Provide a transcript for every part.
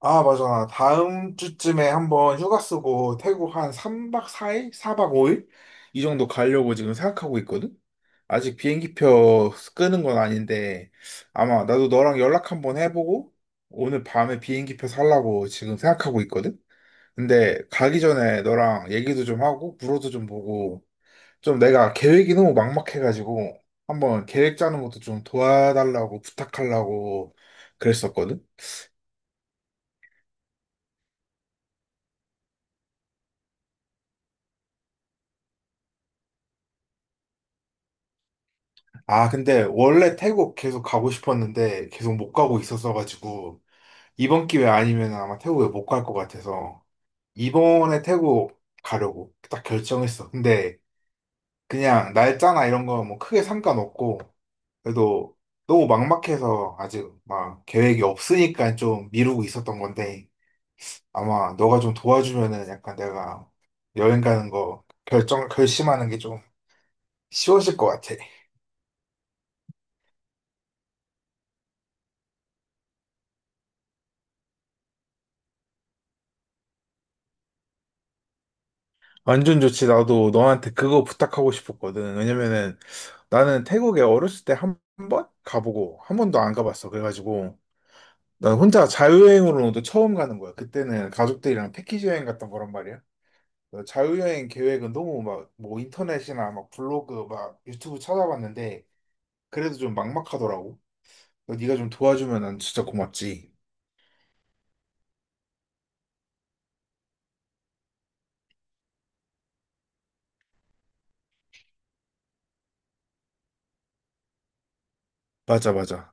아, 맞아. 다음 주쯤에 한번 휴가 쓰고 태국 한 3박 4일? 4박 5일? 이 정도 가려고 지금 생각하고 있거든? 아직 비행기표 끄는 건 아닌데, 아마 나도 너랑 연락 한번 해보고, 오늘 밤에 비행기표 살라고 지금 생각하고 있거든? 근데 가기 전에 너랑 얘기도 좀 하고, 물어도 좀 보고, 좀 내가 계획이 너무 막막해가지고, 한번 계획 짜는 것도 좀 도와달라고 부탁하려고 그랬었거든? 아, 근데 원래 태국 계속 가고 싶었는데 계속 못 가고 있었어가지고 이번 기회 아니면 아마 태국에 못 갈 것 같아서 이번에 태국 가려고 딱 결정했어. 근데 그냥 날짜나 이런 거 뭐 크게 상관없고 그래도 너무 막막해서 아직 막 계획이 없으니까 좀 미루고 있었던 건데 아마 너가 좀 도와주면은 약간 내가 여행 가는 거 결심하는 게 좀 쉬워질 것 같아. 완전 좋지. 나도 너한테 그거 부탁하고 싶었거든. 왜냐면은 나는 태국에 어렸을 때 한 번 가보고 한 번도 안 가봤어. 그래가지고 난 혼자 자유여행으로도 처음 가는 거야. 그때는 가족들이랑 패키지 여행 갔던 거란 말이야. 그래서 자유여행 계획은 너무 막 뭐 인터넷이나 막 블로그 막 유튜브 찾아봤는데 그래도 좀 막막하더라고. 그래서 네가 좀 도와주면 난 진짜 고맙지. 맞아, 맞아.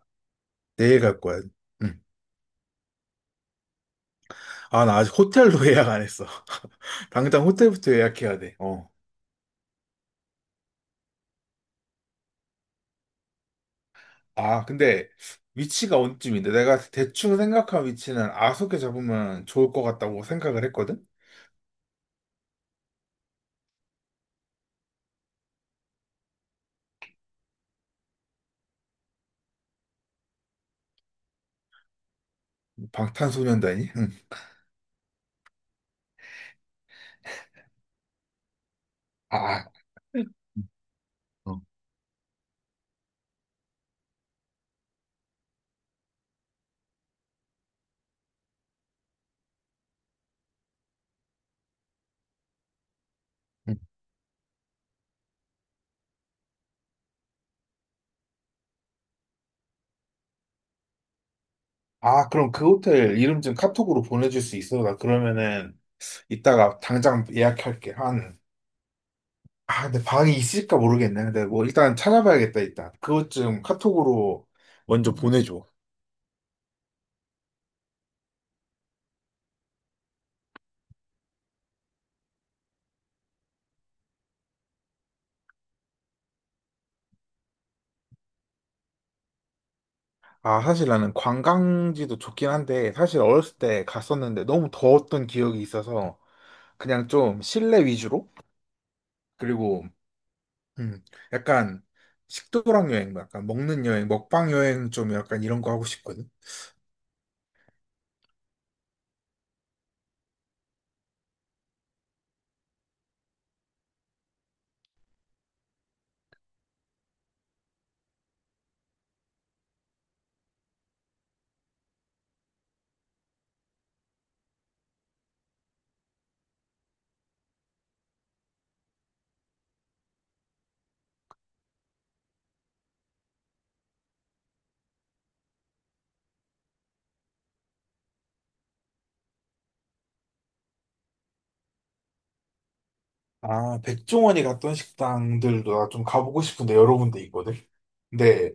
내일 갈 거야. 응. 아, 나 아직 호텔도 예약 안 했어. 당장 호텔부터 예약해야 돼. 어. 아, 근데 위치가 어디쯤인데 내가 대충 생각한 위치는 아속에 잡으면 좋을 것 같다고 생각을 했거든? 방탄소년단이? 응. 아, 어, 응. 아, 그럼 그 호텔 이름 좀 카톡으로 보내줄 수 있어? 나 그러면은 이따가 당장 예약할게. 한, 아, 근데 방이 있을까 모르겠네. 근데 뭐 일단 찾아봐야겠다, 일단. 그것 좀 카톡으로 먼저 보내줘. 아, 사실 나는 관광지도 좋긴 한데, 사실 어렸을 때 갔었는데 너무 더웠던 기억이 있어서 그냥 좀 실내 위주로 그리고 음 약간 식도락 여행, 뭐 약간 먹는 여행, 먹방 여행 좀 약간 이런 거 하고 싶거든. 아, 백종원이 갔던 식당들도 나 좀 가보고 싶은데 여러 군데 있거든. 근데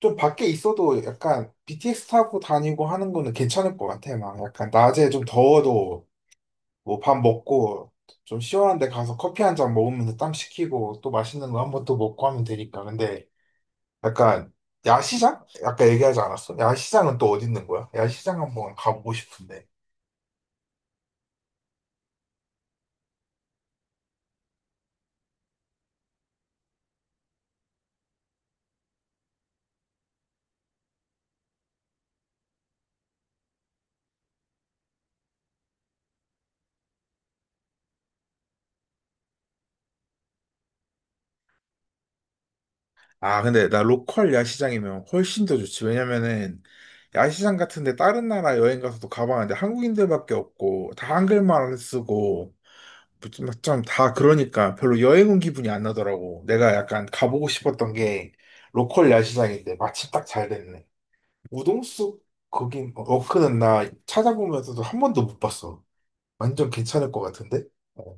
좀 밖에 있어도 약간 BTS 타고 다니고 하는 거는 괜찮을 것 같아. 막 약간 낮에 좀 더워도 뭐 밥 먹고 좀 시원한 데 가서 커피 한 잔 먹으면서 땀 식히고 또 맛있는 거 한번 또 먹고 하면 되니까. 근데 약간 야시장? 아까 얘기하지 않았어? 야시장은 또 어디 있는 거야? 야시장 한번 가보고 싶은데. 아, 근데 나 로컬 야시장이면 훨씬 더 좋지. 왜냐면은 야시장 같은데 다른 나라 여행 가서도 가봤는데 한국인들밖에 없고 다 한글만 쓰고 좀 다 그러니까 별로 여행 온 기분이 안 나더라고. 내가 약간 가보고 싶었던 게 로컬 야시장인데 마침 딱 잘 됐네. 우동숙 거긴 어, 워크는 나 찾아보면서도 한 번도 못 봤어. 완전 괜찮을 것 같은데? 어.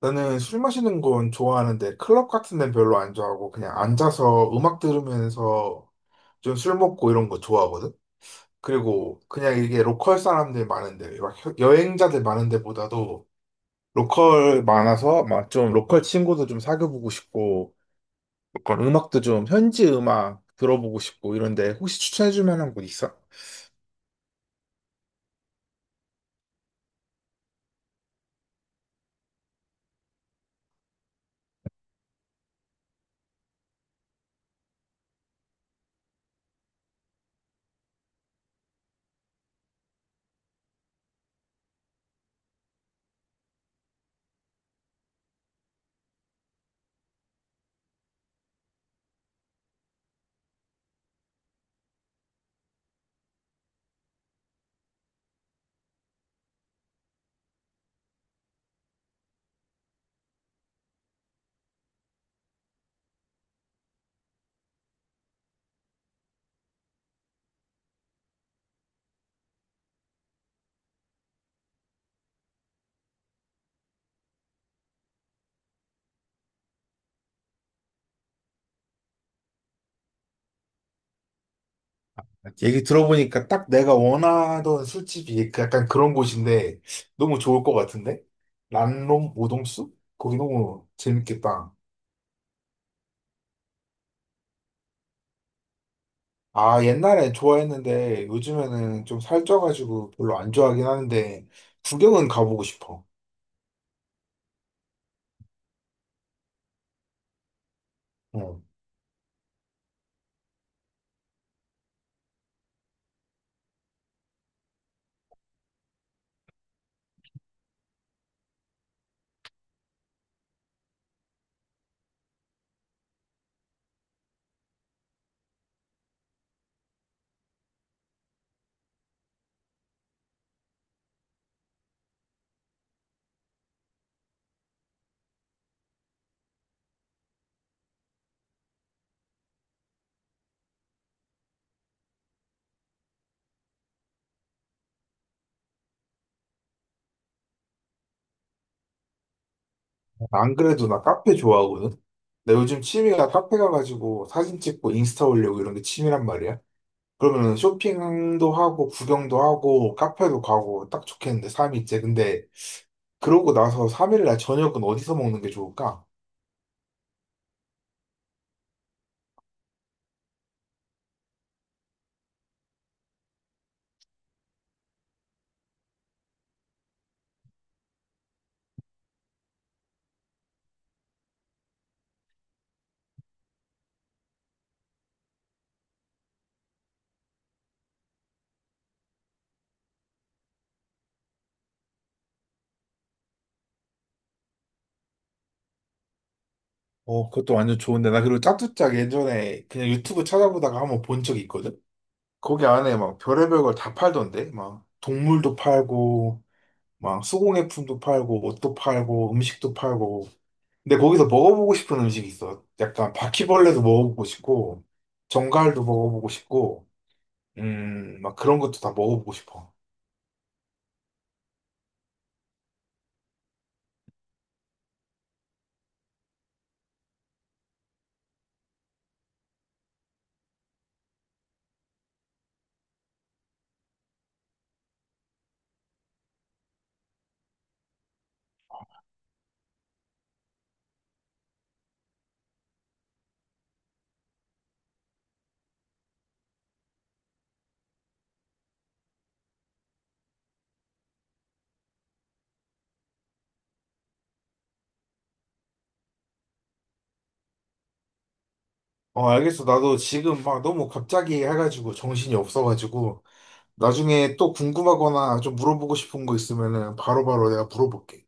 나는 술 마시는 건 좋아하는데 클럽 같은 데는 별로 안 좋아하고 그냥 앉아서 음악 들으면서 좀 술 먹고 이런 거 좋아하거든? 그리고 그냥 이게 로컬 사람들 많은데 막 여행자들 많은 데보다도 로컬 많아서 막 좀 로컬 친구도 좀 사귀어보고 싶고 로컬 음악도 좀 현지 음악 들어보고 싶고 이런데 혹시 추천해줄 만한 곳 있어? 얘기 들어보니까 딱 내가 원하던 술집이 그 약간 그런 곳인데 너무 좋을 것 같은데? 란롬 오동수? 거기 너무 재밌겠다. 아, 옛날에 좋아했는데 요즘에는 좀 살쪄가지고 별로 안 좋아하긴 하는데 구경은 가보고 싶어. 어. 안 그래도 나 카페 좋아하거든? 나 요즘 취미가 카페 가가지고 사진 찍고 인스타 올리고 이런 게 취미란 말이야. 그러면 쇼핑도 하고 구경도 하고 카페도 가고 딱 좋겠는데 삶이 있지. 근데 그러고 나서 3일 날 저녁은 어디서 먹는 게 좋을까? 어, 그것도 완전 좋은데. 나 그리고 짜투짝 예전에 그냥 유튜브 찾아보다가 한번 본 적이 있거든? 거기 안에 막 별의별 걸 다 팔던데? 막 동물도 팔고, 막 수공예품도 팔고, 옷도 팔고, 음식도 팔고. 근데 거기서 먹어보고 싶은 음식이 있어. 약간 바퀴벌레도 먹어보고 싶고, 정갈도 먹어보고 싶고, 막 그런 것도 다 먹어보고 싶어. 어, 알겠어. 나도 지금 막 너무 갑자기 해가지고 정신이 없어가지고. 나중에 또 궁금하거나 좀 물어보고 싶은 거 있으면은 바로바로 내가 물어볼게.